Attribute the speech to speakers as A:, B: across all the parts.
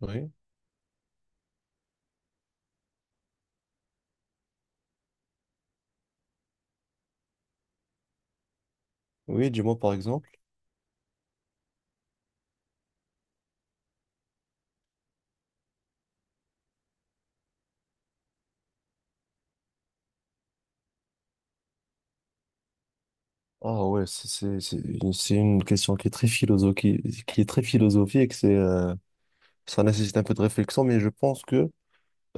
A: Oui, oui, dis-moi par exemple. Ah ouais, c'est une question qui est très philosophique, c'est ça nécessite un peu de réflexion, mais je pense que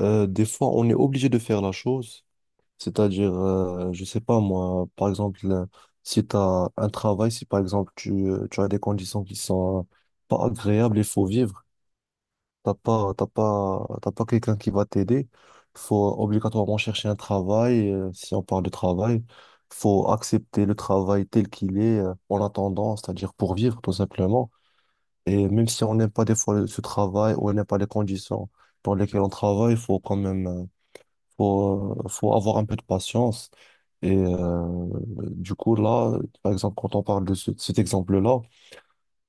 A: des fois on est obligé de faire la chose, c'est-à-dire je sais pas moi, par exemple si tu as un travail, si par exemple tu as des conditions qui sont pas agréables, il faut vivre. T'as pas quelqu'un qui va t'aider. Faut obligatoirement chercher un travail. Si on parle de travail, faut accepter le travail tel qu'il est, en attendant, c'est-à-dire pour vivre tout simplement. Et même si on n'aime pas des fois ce travail ou on n'aime pas les conditions dans lesquelles on travaille, faut quand même, faut avoir un peu de patience. Et euh, du coup, là, par exemple, quand on parle de cet exemple-là,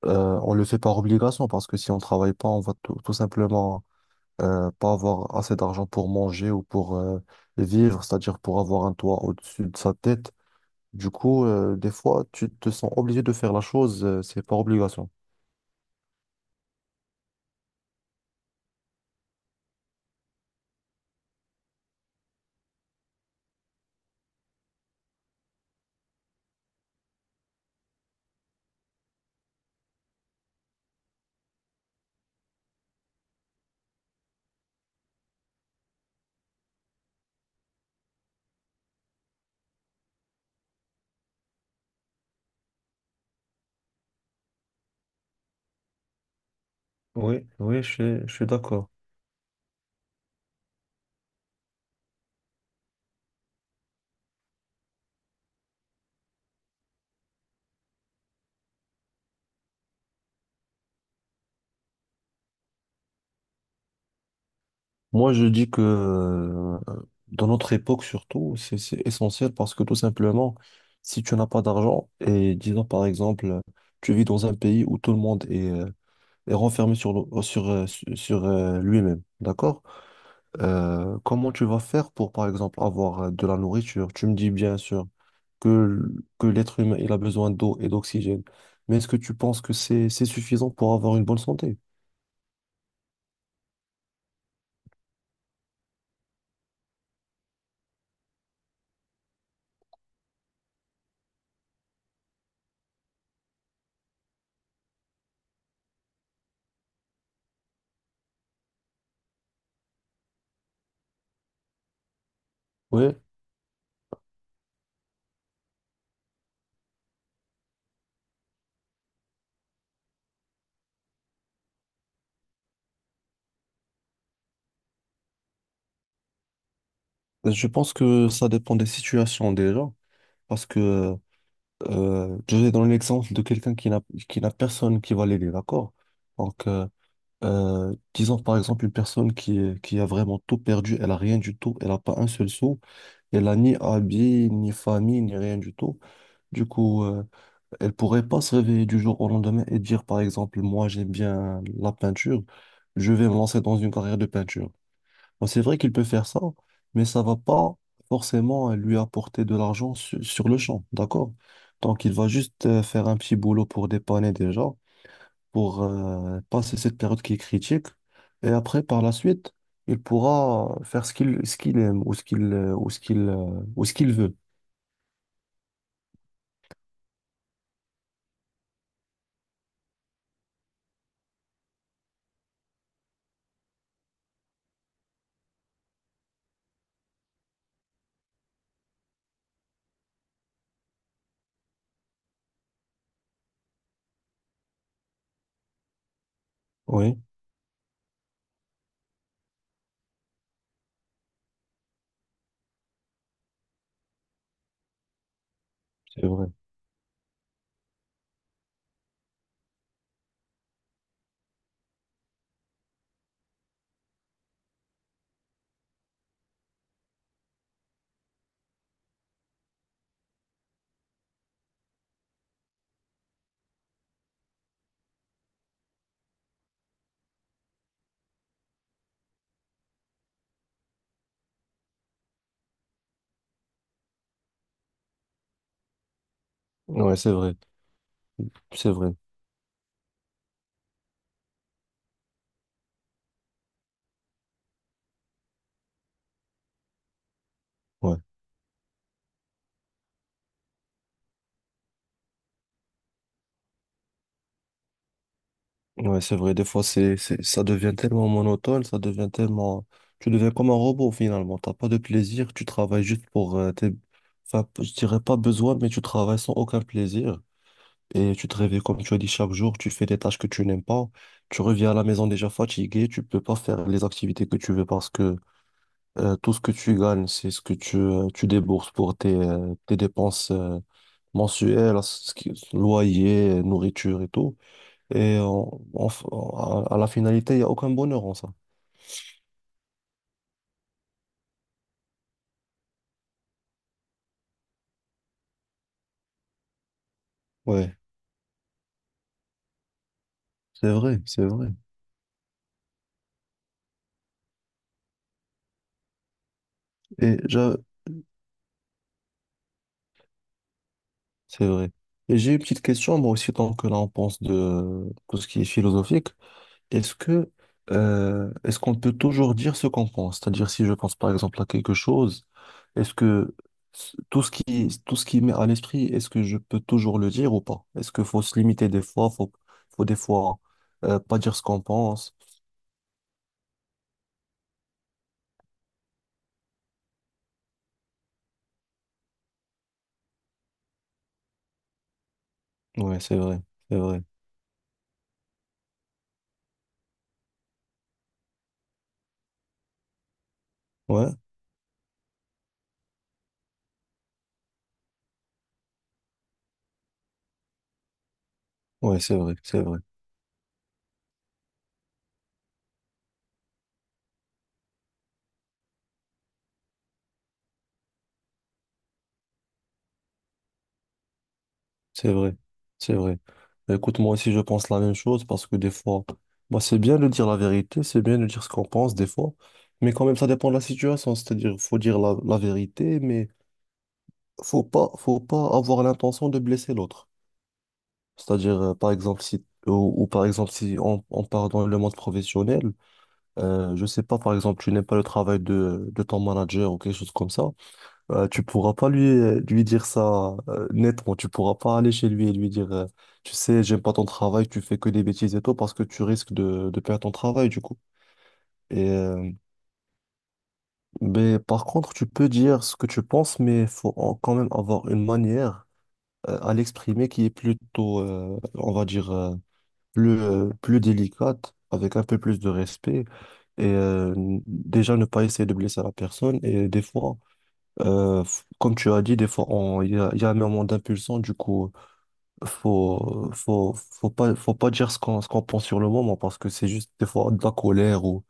A: on le fait par obligation parce que si on travaille pas, on va tout simplement, pas avoir assez d'argent pour manger ou pour vivre, c'est-à-dire pour avoir un toit au-dessus de sa tête. Du coup, des fois, tu te sens obligé de faire la chose, c'est par obligation. Oui, oui, je suis d'accord. Moi, je dis que dans notre époque surtout, c'est essentiel parce que tout simplement, si tu n'as pas d'argent et disons par exemple, tu vis dans un pays où tout le monde est renfermé sur lui-même, d'accord? Comment tu vas faire pour, par exemple, avoir de la nourriture? Tu me dis bien sûr que, que l'être humain, il a besoin d'eau et d'oxygène. Mais est-ce que tu penses que c'est suffisant pour avoir une bonne santé? Oui, je pense que ça dépend des situations déjà. Parce que, je vais dans l'exemple de quelqu'un qui n'a personne qui va l'aider, d'accord? Donc, disons par exemple une personne qui a vraiment tout perdu, elle a rien du tout, elle n'a pas un seul sou, elle a ni habit, ni famille, ni rien du tout. Du coup, elle pourrait pas se réveiller du jour au lendemain et dire par exemple, moi j'aime bien la peinture, je vais me lancer dans une carrière de peinture. Bon, c'est vrai qu'il peut faire ça, mais ça va pas forcément lui apporter de l'argent sur le champ, d'accord? Donc, il va juste faire un petit boulot pour dépanner déjà, pour passer cette période qui est critique. Et après, par la suite, il pourra faire ce qu'il aime ou ce qu'il veut. Oui, c'est vrai. Ouais, c'est vrai. C'est vrai. Ouais. Ouais, c'est vrai, des fois, ça devient tellement monotone, ça devient tellement. Tu deviens comme un robot, finalement. T'as pas de plaisir, tu travailles juste pour tes. Enfin, je dirais pas besoin, mais tu travailles sans aucun plaisir. Et tu te réveilles, comme tu as dit, chaque jour, tu fais des tâches que tu n'aimes pas. Tu reviens à la maison déjà fatigué, tu peux pas faire les activités que tu veux parce que tout ce que tu gagnes, c'est ce que tu débourses pour tes dépenses mensuelles, loyer, nourriture et tout. Et à la finalité, il n'y a aucun bonheur en ça. Ouais, c'est vrai, c'est vrai. Et c'est vrai. Et j'ai une petite question, moi aussi, tant que là on pense de tout ce qui est philosophique, est-ce que, est-ce qu'on peut toujours dire ce qu'on pense? C'est-à-dire si je pense par exemple à quelque chose, est-ce que tout ce qui m'est à l'esprit, est-ce que je peux toujours le dire ou pas? Est-ce qu'il faut se limiter des fois, faut des fois pas dire ce qu'on pense? Ouais, c'est vrai, c'est vrai. Ouais. Ouais, c'est vrai, c'est vrai, c'est vrai, c'est vrai. Bah, écoute, moi aussi, je pense la même chose parce que des fois, bah, c'est bien de dire la vérité, c'est bien de dire ce qu'on pense des fois, mais quand même, ça dépend de la situation. C'est-à-dire, faut dire la vérité, mais faut pas avoir l'intention de blesser l'autre. C'est-à-dire, par exemple, si, ou par exemple, si on, on part dans le monde professionnel, je sais pas, par exemple, tu n'aimes pas le travail de ton manager ou quelque chose comme ça. Tu pourras pas lui dire ça, nettement. Tu pourras pas aller chez lui et lui dire, tu sais, j'aime pas ton travail, tu fais que des bêtises et tout, parce que tu risques de perdre ton travail, du coup. Et, euh, mais par contre, tu peux dire ce que tu penses, mais faut quand même avoir une manière à l'exprimer qui est plutôt, on va dire, plus délicate, avec un peu plus de respect. Et, déjà, ne pas essayer de blesser la personne. Et des fois, comme tu as dit, des fois, il y a un moment d'impulsion, du coup, faut pas dire ce qu'on pense sur le moment parce que c'est juste des fois de la colère, ou,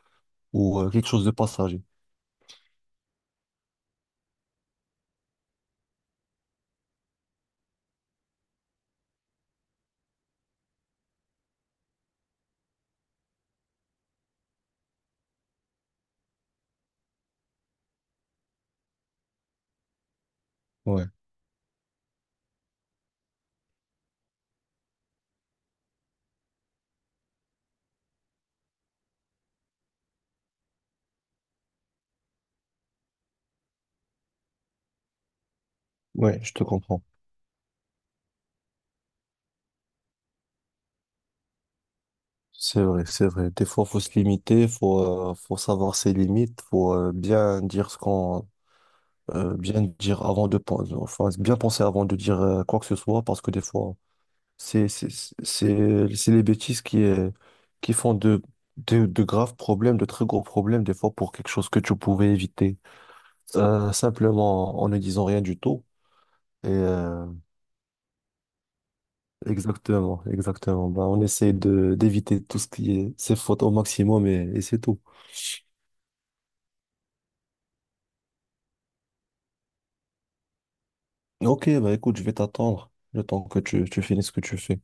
A: quelque chose de passager. Ouais, ouais, je te comprends. C'est vrai, c'est vrai. Des fois, faut se limiter, faut savoir ses limites, faut bien dire avant de penser, enfin, bien penser avant de dire quoi que ce soit parce que des fois, C'est c'est- c'est les bêtises qui font de graves problèmes, de très gros problèmes, des fois pour quelque chose que tu pouvais éviter, simplement en ne disant rien du tout. Et, euh, exactement, exactement. Bah, on essaie de d'éviter tout ce qui est ces fautes au maximum, c'est tout. Ok, bah écoute, je vais t'attendre le temps que tu finisses ce que tu fais.